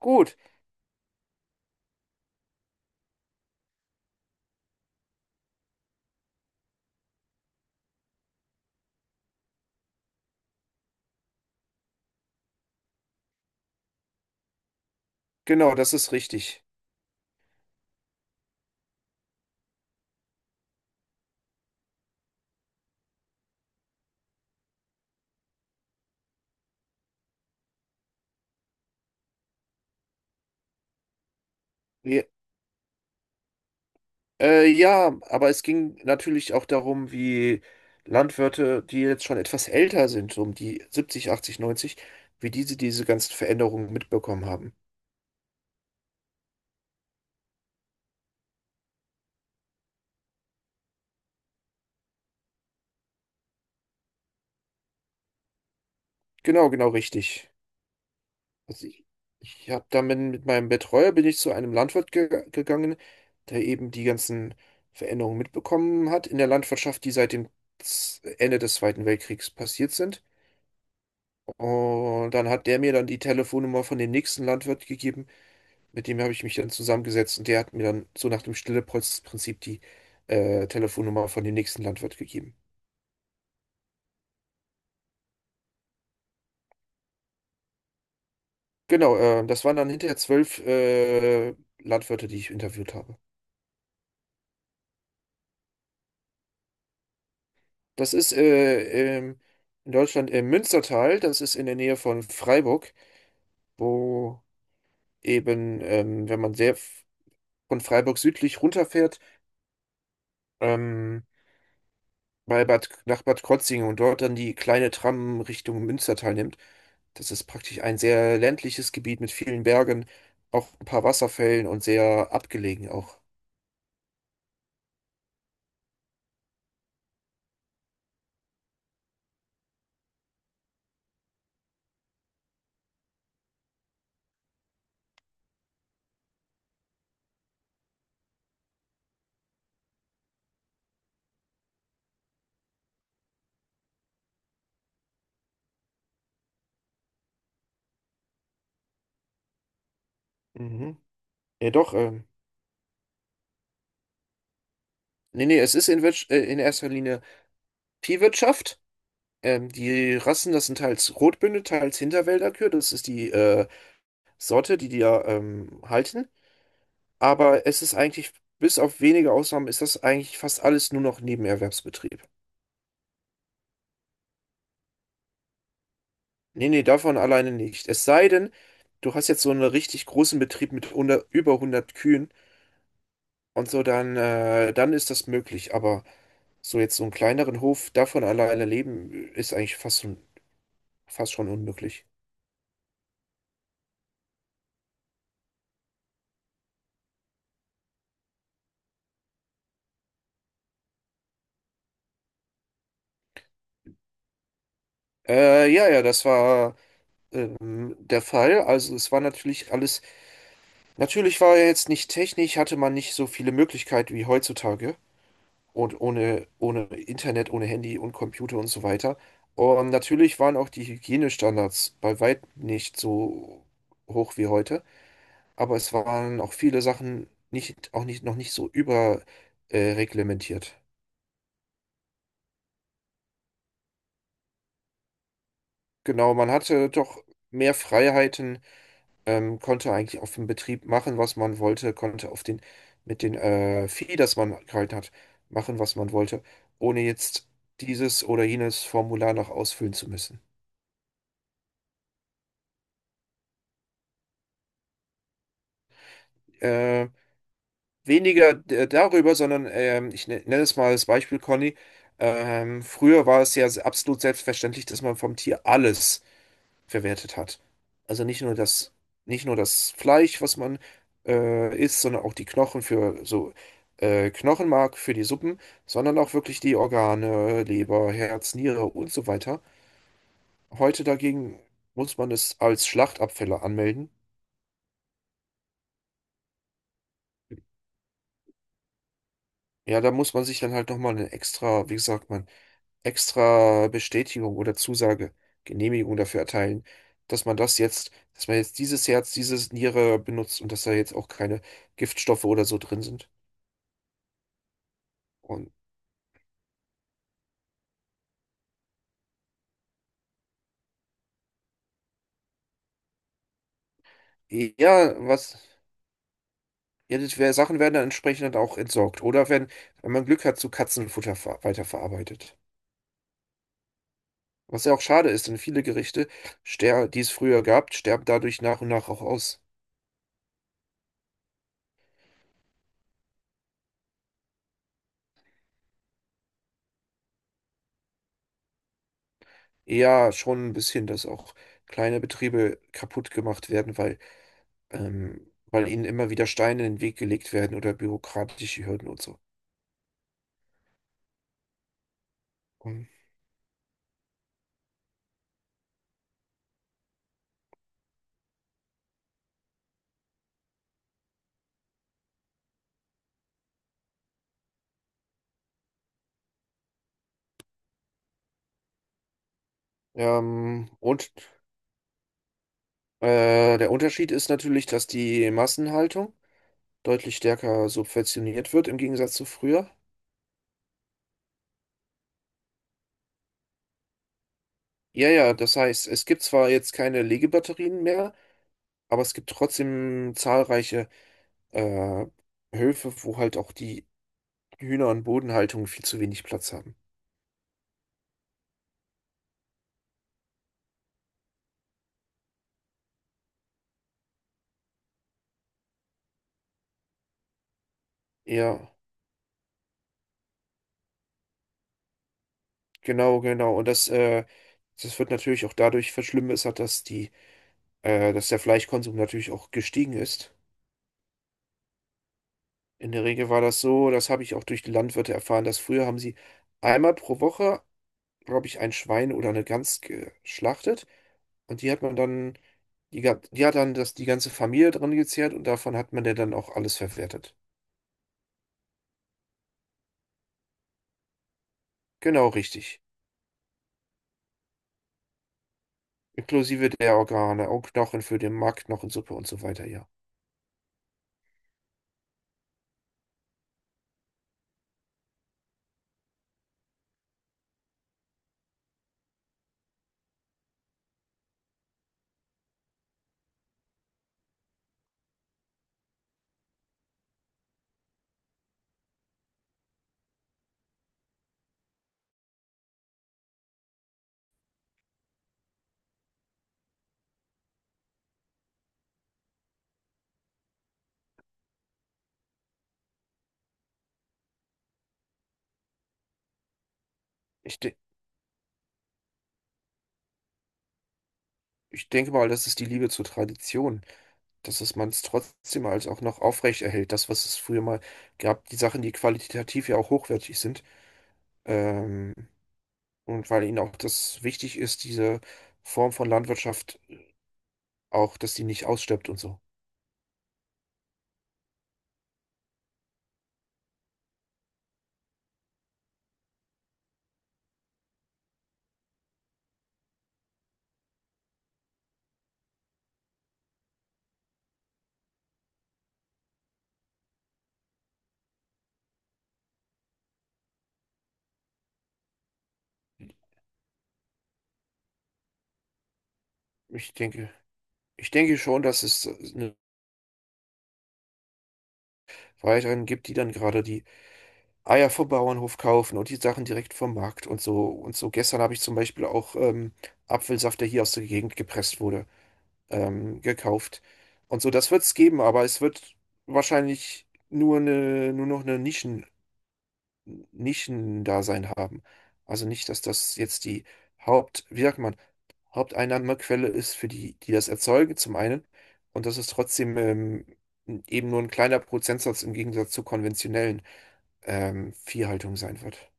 Gut, genau, das ist richtig. Ja, ja, aber es ging natürlich auch darum, wie Landwirte, die jetzt schon etwas älter sind, so um die 70, 80, 90, wie diese ganzen Veränderungen mitbekommen haben. Genau, genau richtig. Also ich habe damit mit meinem Betreuer bin ich zu einem Landwirt ge gegangen, der eben die ganzen Veränderungen mitbekommen hat in der Landwirtschaft, die seit dem Ende des Zweiten Weltkriegs passiert sind. Und dann hat der mir dann die Telefonnummer von dem nächsten Landwirt gegeben. Mit dem habe ich mich dann zusammengesetzt und der hat mir dann so nach dem Stille-Post-Prinzip die Telefonnummer von dem nächsten Landwirt gegeben. Genau, das waren dann hinterher zwölf Landwirte, die ich interviewt habe. Das ist in Deutschland im Münstertal, das ist in der Nähe von Freiburg, wo eben, wenn man von Freiburg südlich runterfährt, ähm, bei nach Bad Krozingen und dort dann die kleine Tram Richtung Münstertal nimmt. Das ist praktisch ein sehr ländliches Gebiet mit vielen Bergen, auch ein paar Wasserfällen und sehr abgelegen auch. Mhm. Ja, doch, nee, nee, es ist in erster Linie Viehwirtschaft. Die Rassen, das sind teils Rotbünde, teils Hinterwälderkühe, das ist die Sorte, die da halten. Aber es ist eigentlich, bis auf wenige Ausnahmen, ist das eigentlich fast alles nur noch Nebenerwerbsbetrieb. Nee, nee, davon alleine nicht. Es sei denn, du hast jetzt so einen richtig großen Betrieb mit 100, über hundert Kühen und so, dann ist das möglich. Aber so jetzt so einen kleineren Hof, davon alleine leben, ist fast schon unmöglich. Ja, ja, das war der Fall. Also es war natürlich alles, natürlich war er jetzt nicht technisch, hatte man nicht so viele Möglichkeiten wie heutzutage. Und ohne Internet, ohne Handy und Computer und so weiter. Und natürlich waren auch die Hygienestandards bei weitem nicht so hoch wie heute, aber es waren auch viele Sachen nicht, auch nicht, noch nicht so über reglementiert. Genau, man hatte doch mehr Freiheiten, konnte eigentlich auf dem Betrieb machen, was man wollte, konnte mit den Vieh, das man gehalten hat, machen, was man wollte, ohne jetzt dieses oder jenes Formular noch ausfüllen zu müssen. Ähm, weniger darüber, sondern ich nenne es mal als Beispiel, Conny. Früher war es ja absolut selbstverständlich, dass man vom Tier alles verwertet hat. Also nicht nur das Fleisch, was man isst, sondern auch die Knochen für so Knochenmark für die Suppen, sondern auch wirklich die Organe, Leber, Herz, Niere und so weiter. Heute dagegen muss man es als Schlachtabfälle anmelden. Ja, da muss man sich dann halt nochmal eine extra, wie sagt man, extra Bestätigung oder Zusage, Genehmigung dafür erteilen, dass dass man jetzt dieses Herz, dieses Niere benutzt und dass da jetzt auch keine Giftstoffe oder so drin sind. Und ja, was, ja, das wär, Sachen werden dann entsprechend dann auch entsorgt oder wenn man Glück hat, zu Katzenfutter ver weiterverarbeitet. Was ja auch schade ist, denn viele Gerichte, ster die es früher gab, sterben dadurch nach und nach auch aus. Ja, schon ein bisschen, dass auch kleine Betriebe kaputt gemacht werden, weil weil ihnen immer wieder Steine in den Weg gelegt werden oder bürokratische Hürden und so. Mhm. Und der Unterschied ist natürlich, dass die Massenhaltung deutlich stärker subventioniert wird im Gegensatz zu früher. Ja, ja, das heißt, es gibt zwar jetzt keine Legebatterien mehr, aber es gibt trotzdem zahlreiche äh, Höfe, wo halt auch die Hühner- und Bodenhaltung viel zu wenig Platz haben. Ja, genau, genau. Und das wird natürlich auch dadurch verschlimmert, dass die dass der Fleischkonsum natürlich auch gestiegen ist. In der Regel war das so, das habe ich auch durch die Landwirte erfahren, dass früher haben sie einmal pro Woche, glaube ich, ein Schwein oder eine Gans geschlachtet und die hat die ganze Familie dran gezehrt und davon hat man der dann auch alles verwertet. Genau richtig. Inklusive der Organe, auch Knochen für den Mark, Knochensuppe und so weiter, ja. Ich, de- Ich denke mal, das ist die Liebe zur Tradition, dass es man es trotzdem als auch noch aufrecht erhält. Das, was es früher mal gab, die Sachen, die qualitativ ja auch hochwertig sind. Ähm, und weil ihnen auch das wichtig ist, diese Form von Landwirtschaft auch, dass die nicht ausstirbt und so. Ich denke, ich denke schon, dass es eine weiteren gibt, die dann gerade die Eier vom Bauernhof kaufen und die Sachen direkt vom Markt und so und so. Gestern habe ich zum Beispiel auch Apfelsaft, der hier aus der Gegend gepresst wurde, gekauft. Und so, das wird es geben, aber es wird wahrscheinlich nur eine, nur noch eine Nischen, Nischendasein haben. Also nicht, dass das jetzt die Haupt, wie sagt man, Haupteinnahmequelle ist für die, die das erzeugen, zum einen. Und das ist trotzdem eben nur ein kleiner Prozentsatz im Gegensatz zur konventionellen Viehhaltung sein wird.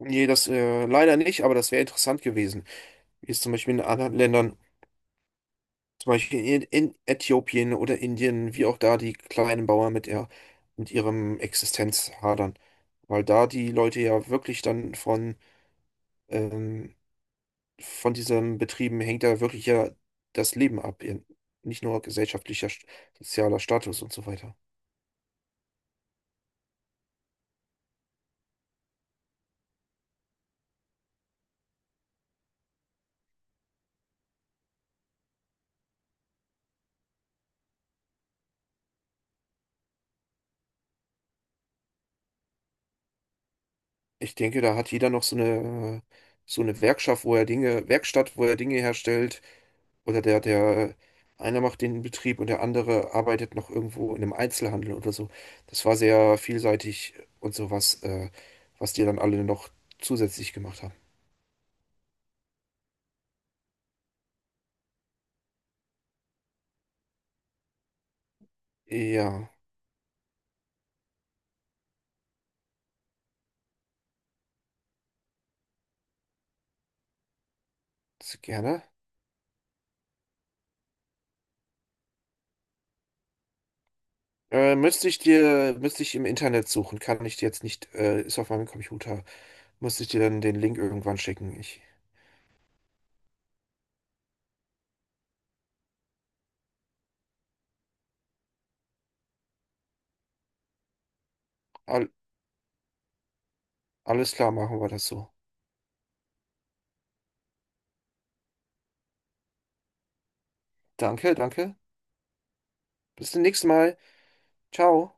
Nee, das leider nicht, aber das wäre interessant gewesen, wie es zum Beispiel in anderen Ländern. Zum Beispiel in Äthiopien oder Indien, wie auch da die kleinen Bauern mit ihrem Existenz hadern. Weil da die Leute ja wirklich ähm, von diesen Betrieben hängt da wirklich ja das Leben ab. Nicht nur sozialer Status und so weiter. Ich denke, da hat jeder noch so eine Werkschaft, wo er Dinge, Werkstatt, wo er Dinge herstellt. Oder der einer macht den Betrieb und der andere arbeitet noch irgendwo in einem Einzelhandel oder so. Das war sehr vielseitig und was die dann alle noch zusätzlich gemacht haben. Ja, sehr gerne. Müsste ich müsste ich im Internet suchen, kann ich dir jetzt nicht, ist auf meinem Computer. Müsste ich dir dann den Link irgendwann schicken. All, alles klar, machen wir das so. Danke, danke. Bis zum nächsten Mal. Ciao.